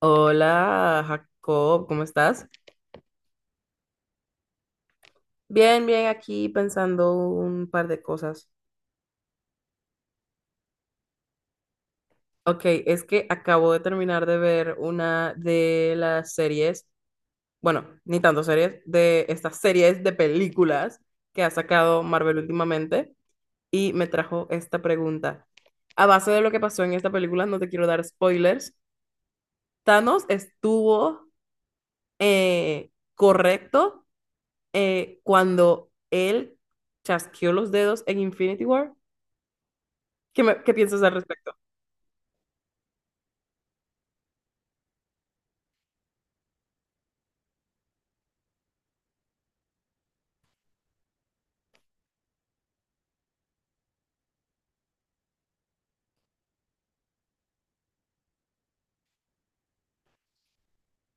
Hola, Jacob, ¿cómo estás? Bien, bien, aquí pensando un par de cosas. Ok, es que acabo de terminar de ver una de las series, bueno, ni tanto series, de estas series de películas que ha sacado Marvel últimamente y me trajo esta pregunta. A base de lo que pasó en esta película, no te quiero dar spoilers, Thanos estuvo correcto cuando él chasqueó los dedos en Infinity War. ¿Qué piensas al respecto?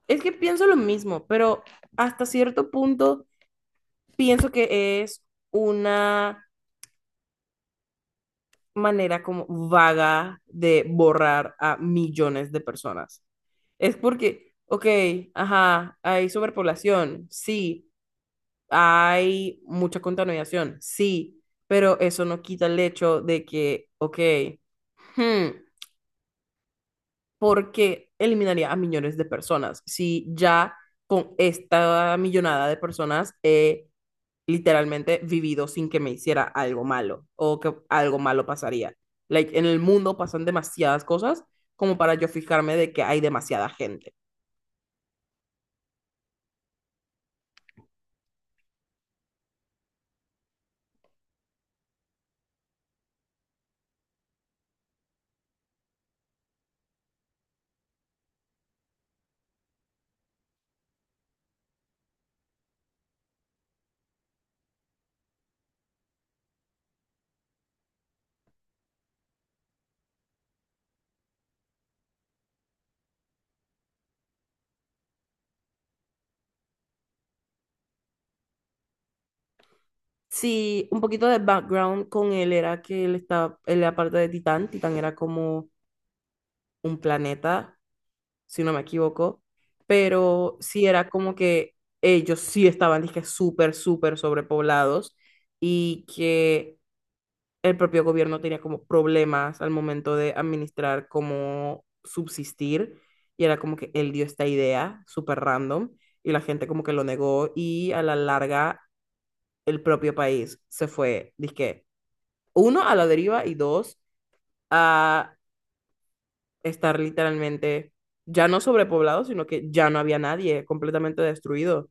Es que pienso lo mismo, pero hasta cierto punto pienso que es una manera como vaga de borrar a millones de personas. Es porque, ok, ajá, hay sobrepoblación, sí, hay mucha contaminación, sí, pero eso no quita el hecho de que, ok, hmm, porque eliminaría a millones de personas. Si ya con esta millonada de personas he literalmente vivido sin que me hiciera algo malo o que algo malo pasaría. Like, en el mundo pasan demasiadas cosas como para yo fijarme de que hay demasiada gente. Sí, un poquito de background con él era que él estaba, él era parte de Titán. Titán era como un planeta si no me equivoco, pero sí era como que ellos sí estaban, dije, súper, súper sobrepoblados y que el propio gobierno tenía como problemas al momento de administrar cómo subsistir y era como que él dio esta idea súper random y la gente como que lo negó y a la larga el propio país se fue, dije, uno, a la deriva y dos, a estar literalmente ya no sobrepoblado, sino que ya no había nadie, completamente destruido.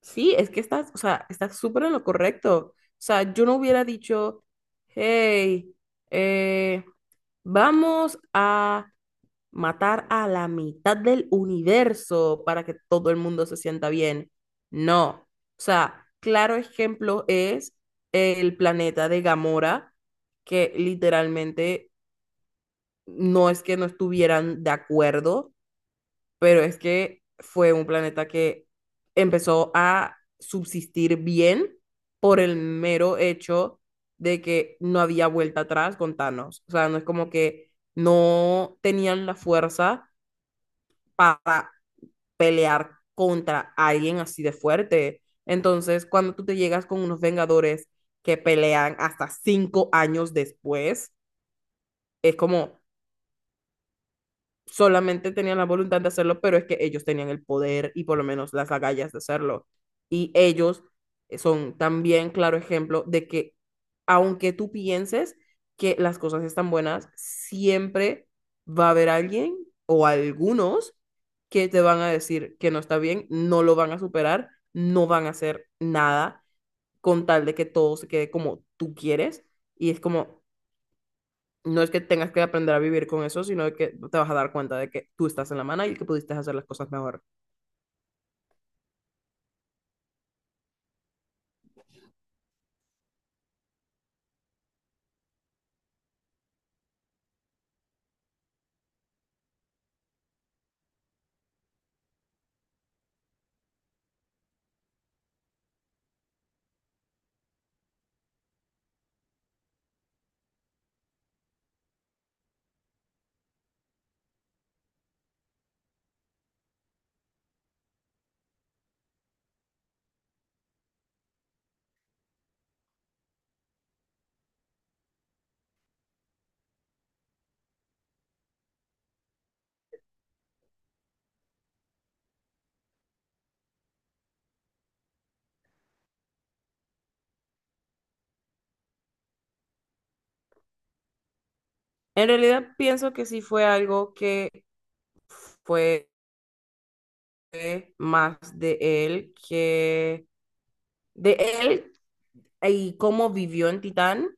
Sí, es que estás, o sea, estás súper en lo correcto. O sea, yo no hubiera dicho, hey, eh, vamos a matar a la mitad del universo para que todo el mundo se sienta bien. No. O sea, claro ejemplo es el planeta de Gamora, que literalmente no es que no estuvieran de acuerdo pero es que fue un planeta que empezó a subsistir bien por el mero hecho de que no había vuelta atrás con Thanos. O sea, no es como que no tenían la fuerza para pelear contra alguien así de fuerte. Entonces, cuando tú te llegas con unos Vengadores que pelean hasta 5 años después, es como, solamente tenían la voluntad de hacerlo, pero es que ellos tenían el poder y por lo menos las agallas de hacerlo. Y ellos son también claro ejemplo de que aunque tú pienses que las cosas están buenas, siempre va a haber alguien o algunos que te van a decir que no está bien, no lo van a superar, no van a hacer nada con tal de que todo se quede como tú quieres. Y es como, no es que tengas que aprender a vivir con eso, sino que te vas a dar cuenta de que tú estás en la mano y que pudiste hacer las cosas mejor. En realidad pienso que sí fue algo que fue más de él que de él y cómo vivió en Titán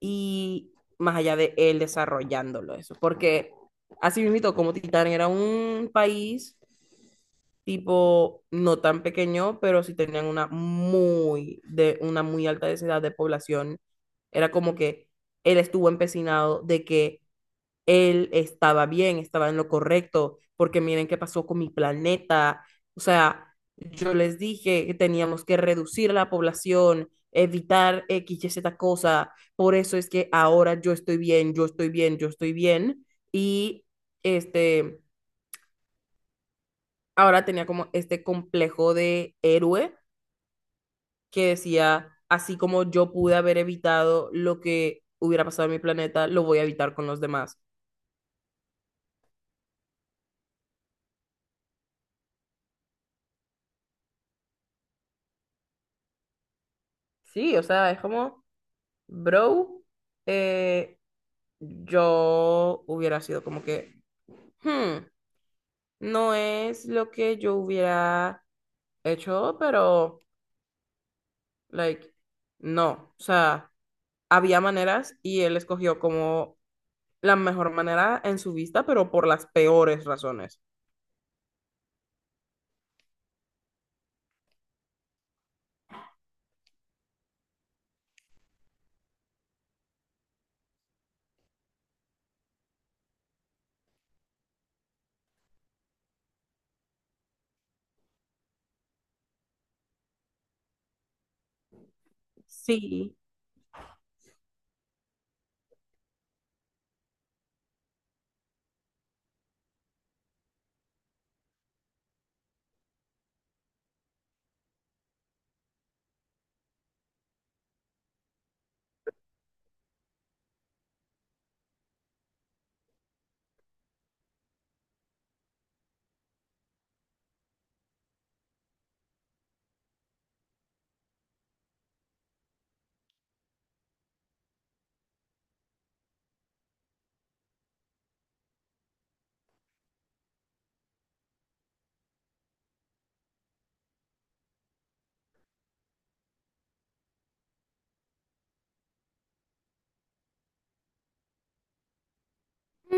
y más allá de él desarrollándolo eso, porque así mismo como Titán era un país tipo no tan pequeño, pero sí tenían una muy, de, una muy alta densidad de población. Era como que él estuvo empecinado de que él estaba bien, estaba en lo correcto, porque miren qué pasó con mi planeta. O sea, yo les dije que teníamos que reducir la población, evitar X y Z cosa. Por eso es que ahora yo estoy bien, yo estoy bien, yo estoy bien. Y este ahora tenía como este complejo de héroe que decía, así como yo pude haber evitado lo que hubiera pasado en mi planeta, lo voy a evitar con los demás. Sí, o sea, es como, bro, eh, yo hubiera sido como que, "Hmm, no es lo que yo hubiera hecho, pero, like, no, o sea, había maneras y él escogió como la mejor manera en su vista, pero por las peores razones. Sí. Mm,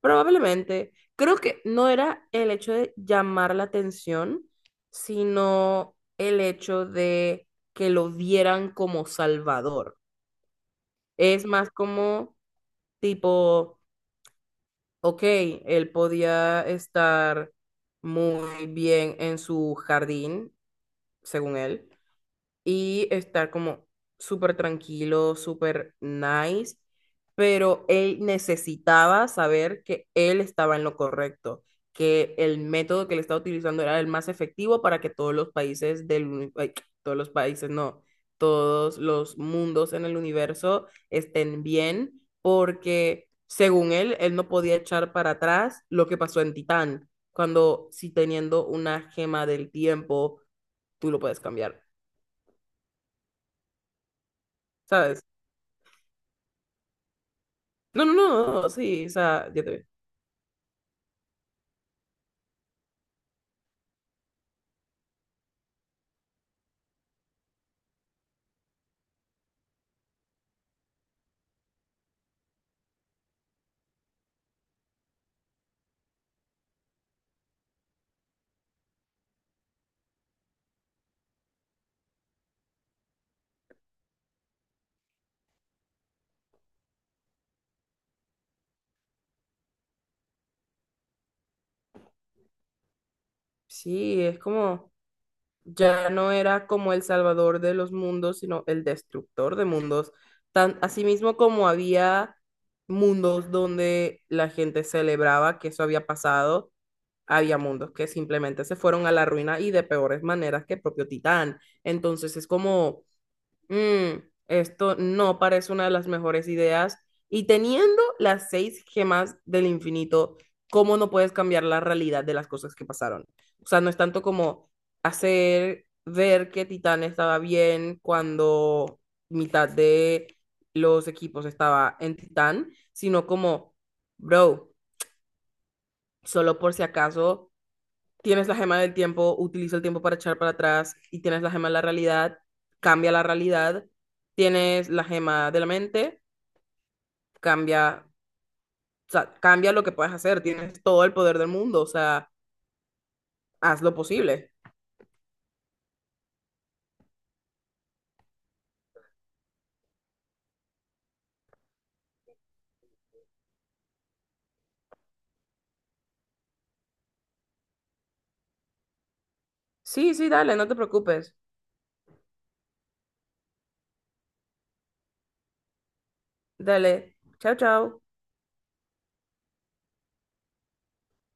probablemente. Creo que no era el hecho de llamar la atención, sino el hecho de que lo vieran como salvador. Es más como tipo, ok, él podía estar muy bien en su jardín, según él, y estar como súper tranquilo, súper nice, pero él necesitaba saber que él estaba en lo correcto, que el método que él estaba utilizando era el más efectivo para que todos los países del, uni- ay, todos los países, no, todos los mundos en el universo estén bien, porque según él, él no podía echar para atrás lo que pasó en Titán, cuando si teniendo una gema del tiempo, tú lo puedes cambiar. ¿Sabes? No, no, no, sí, o sea, ya te vi. Sí, es como, ya no era como el salvador de los mundos, sino el destructor de mundos. Tan, mismo como había mundos donde la gente celebraba que eso había pasado, había mundos que simplemente se fueron a la ruina y de peores maneras que el propio Titán. Entonces es como, Mm, esto no parece una de las mejores ideas. Y teniendo las 6 gemas del infinito, ¿cómo no puedes cambiar la realidad de las cosas que pasaron? O sea, no es tanto como hacer ver que Titán estaba bien cuando mitad de los equipos estaba en Titán, sino como, bro, solo por si acaso tienes la gema del tiempo, utiliza el tiempo para echar para atrás y tienes la gema de la realidad, cambia la realidad, tienes la gema de la mente, cambia, o sea, cambia lo que puedes hacer, tienes todo el poder del mundo, o sea, haz lo posible. Sí, sí, dale, no te preocupes. Dale. Chao, chao.